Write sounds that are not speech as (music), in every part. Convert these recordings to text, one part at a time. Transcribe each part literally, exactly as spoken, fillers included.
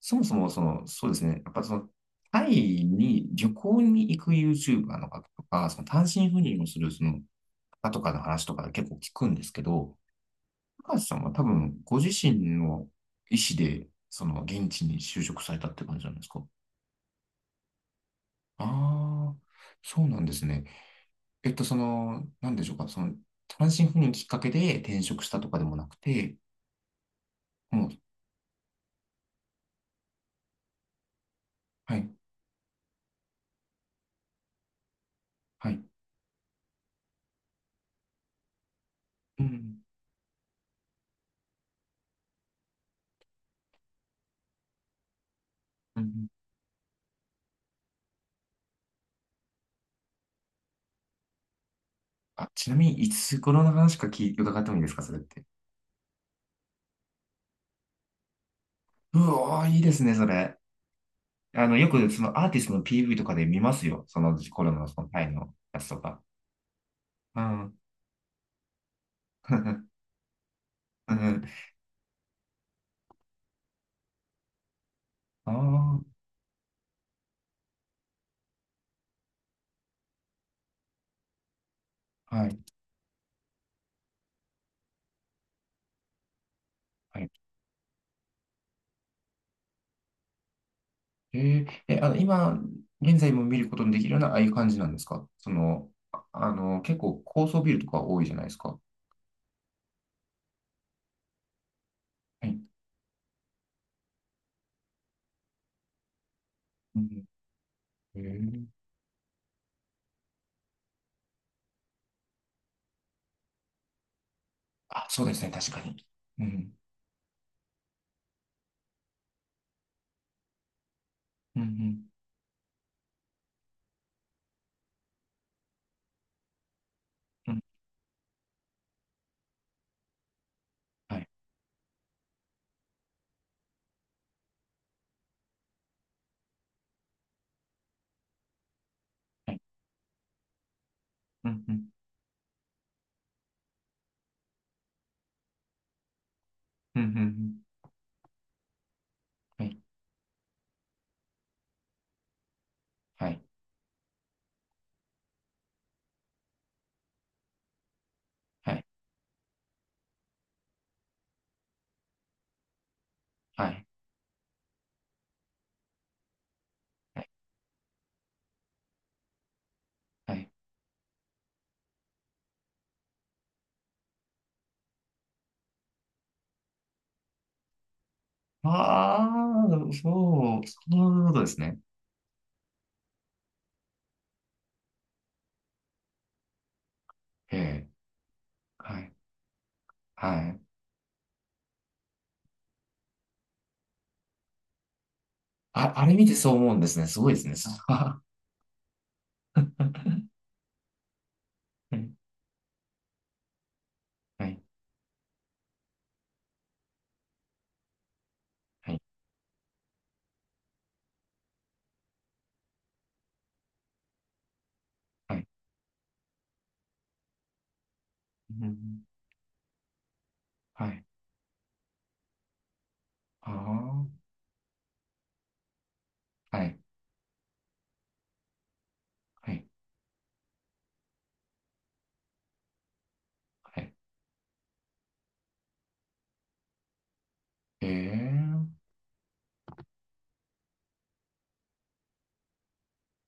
そもそも、その、そうですね。やっぱその、タイに旅行に行く YouTuber の方とか、その単身赴任をするその方とかの話とか結構聞くんですけど、高橋さんは多分ご自身の意思で、その現地に就職されたって感じなんですか？ああ、そうなんですね。えっと、その、なんでしょうか、その、単身赴任きっかけで転職したとかでもなくて、もう、はい、はい、うん、うん。あ、ちなみに、いつ頃の話か聞い伺ってもいいですか、それって。うおー、いいですね、それ。あの、よくそのアーティストの ピーブイ とかで見ますよ。そのコロナのそのタイのやつとか。うん。(laughs) うん。ああ、はい。はい。えー、え、あの、今、現在も見ることのできるような、ああいう感じなんですか？その、ああの、結構高層ビルとか多いじゃないですか。はい。うん。えー、あ、そうですね、確かに。うん。うん。うん。はい。はい。うん。うん。うん。うん。はい。はい。はい。はい。はい。はい。ああ、そう、そういうことですね。ええ、はい、はい。あ、あれ見てそう思うんですね。すごいですね、それは。 (laughs) はい、はい、はい、はい。うん、はい、ああ、はい、はい、はい。ええ、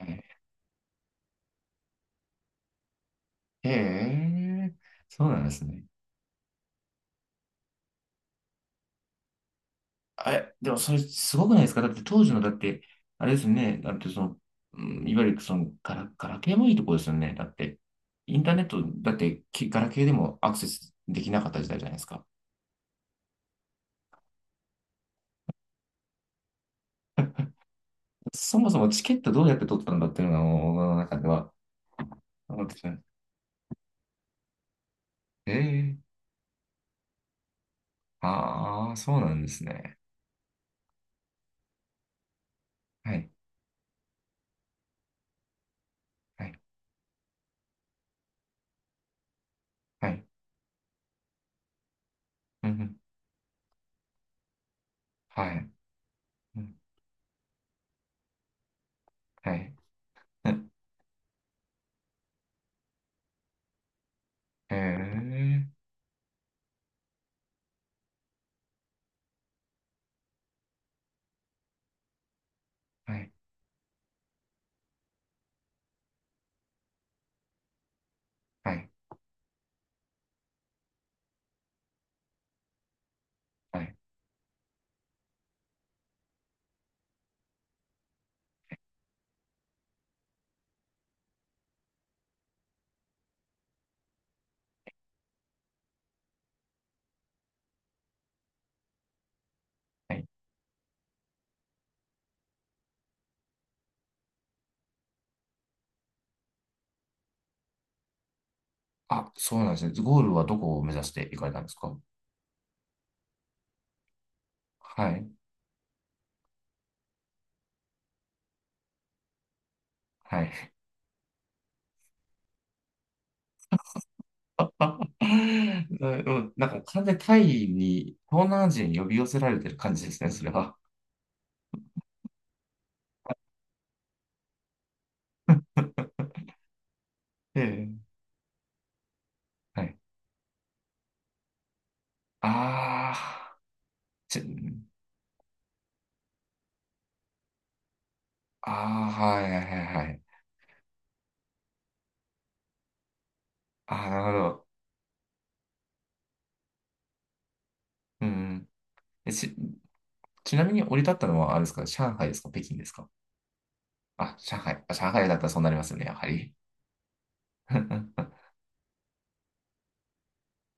はい。ええ、そうなんですね。あれ、でもそれすごくないですか？だって当時の、だって、あれですよね。だってその、うん、いわゆるそのガラ、ガラケーもいいとこですよね。だって、インターネット、だってきガラケーでもアクセスできなかった時代じゃないですか。そもそもチケットどうやって取ったんだっていうのが、もう僕の中では思ってしまう。ええ、ああー、そうなんですね。はい、はい、はい、うん、うん、はい、うん、はい、うん、ええ、はい、はい、はい、はい。あ、そうなんですね。ゴールはどこを目指していかれたんですか？はい。はい。(laughs) な、うん、なんか完全にタイに、東南アジアに呼び寄せられてる感じですね、それは。ええ。はい。ああ、ち、ああ、はいはいはいはい。ああ、なるほど。うん。え、ち、ちなみに降り立ったのは、あれですか、上海ですか、北京ですか？あ、上海。あ、上海だったらそうなりますよね、やはり。(laughs)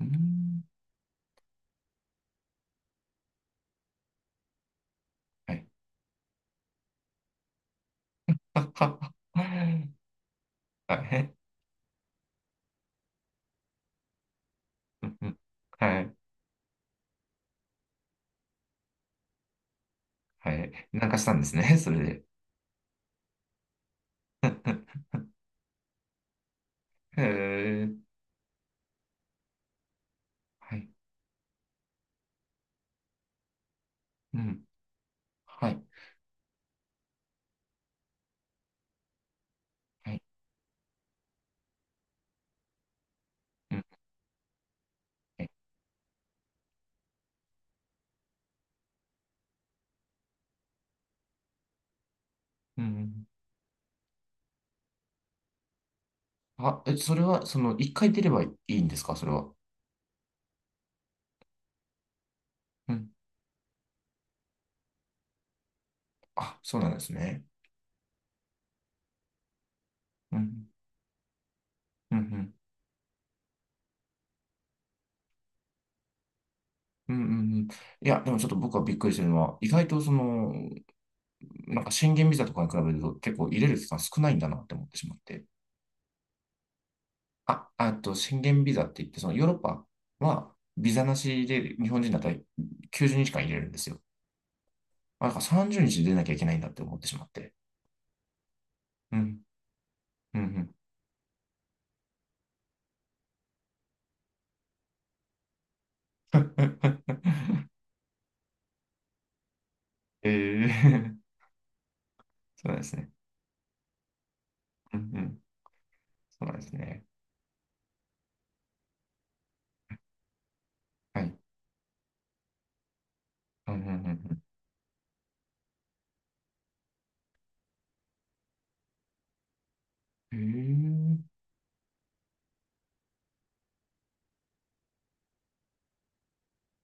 うん。はい。(laughs) はい。うんうん、はい。はい。なんかしたんですね、それで。(laughs) へえ。はい、うん。はい。はい。うん。え、うん。あ、え、それは、その、一回出ればいいんですか、それは？うん。あ、そうなんですね。うん。うんうん。うんうんうん。いや、でもちょっと僕はびっくりしてるのは、意外とその、なんか宣言ビザとかに比べると結構入れる期間少ないんだなって思ってしまって。あ、あと宣言ビザって言って、そのヨーロッパはビザなしで日本人だったらきゅうじゅうにちかん入れるんですよ。あ、だからさんじゅうにち出なきゃいけないんだって思ってしまって。うん、うん、うん。(laughs) ええ、 (laughs) そうなんですね。うんうん。そうなんですね。はい。うんうんうんうん。ええ、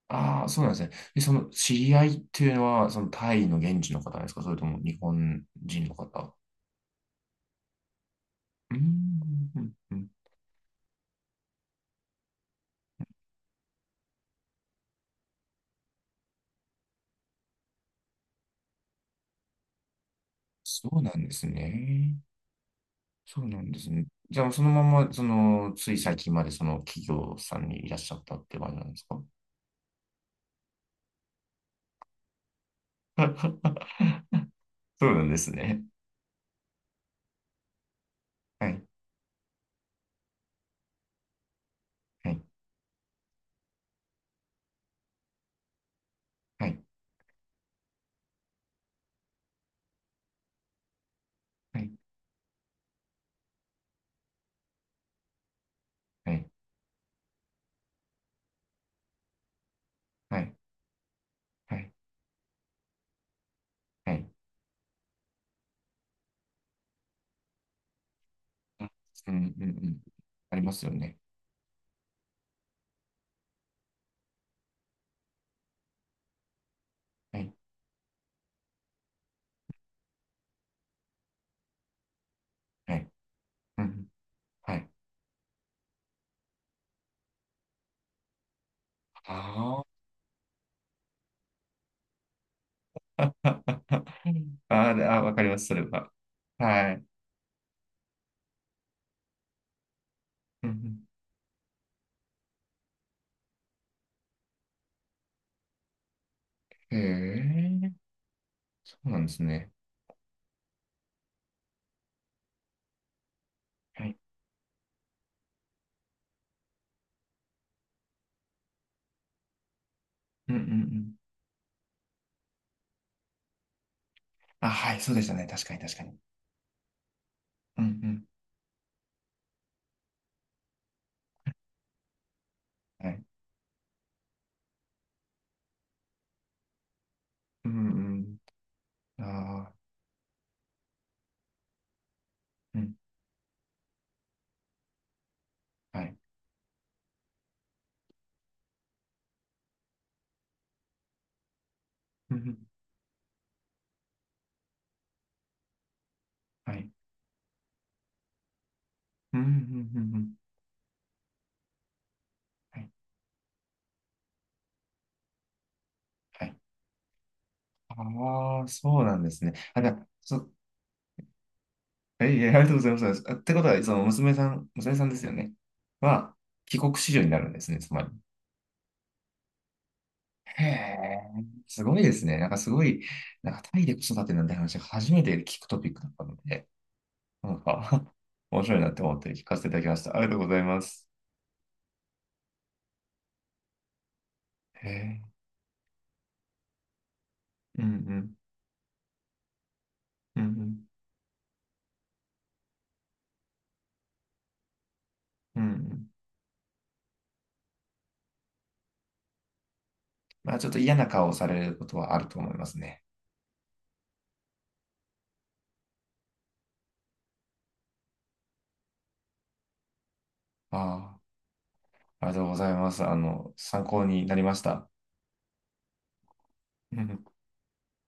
ああ、そうなんですね。え、その知り合いっていうのは、そのタイの現地の方ですか？それとも日本人の方？うーん、うんうん、そうなんですね。そうなんですね。じゃあ、そのまま、その、つい最近までその企業さんにいらっしゃったって感じなんですか？ (laughs) そうなんですね。はい、はい、はい、はい、はい、はい、はい。はい、うん、うん、うん。ありますよね。はい、はい、うん、はい。ああ。(laughs) うん、あー、で、あ、わかります、それは。はい。うんうん、へえ、そうなんですね。はい。うんうんうん。あ、はい、そうでしたね。確かに、確かに。うんうん。はい。うんうん。ああ、うん。はい。うんうん。はい。うんうんうんうん。はい。はい。ああ、そうなんですね。あ、だ、そ、えいえ、ありがとうございます。あってことは、その娘さん、娘さんですよね。は、帰国子女になるんですね、つまり。へえ、すごいですね。なんかすごい、なんかタイで子育てなんて話、初めて聞くトピックだったので、なんか (laughs) 面白いなって思って聞かせていただきました。ありがとうございます。へえ、うんうん、うんうん、うんうん。まあちょっと嫌な顔をされることはあると思いますね。ああ、ありがとうございます。あの、参考になりました。うんうん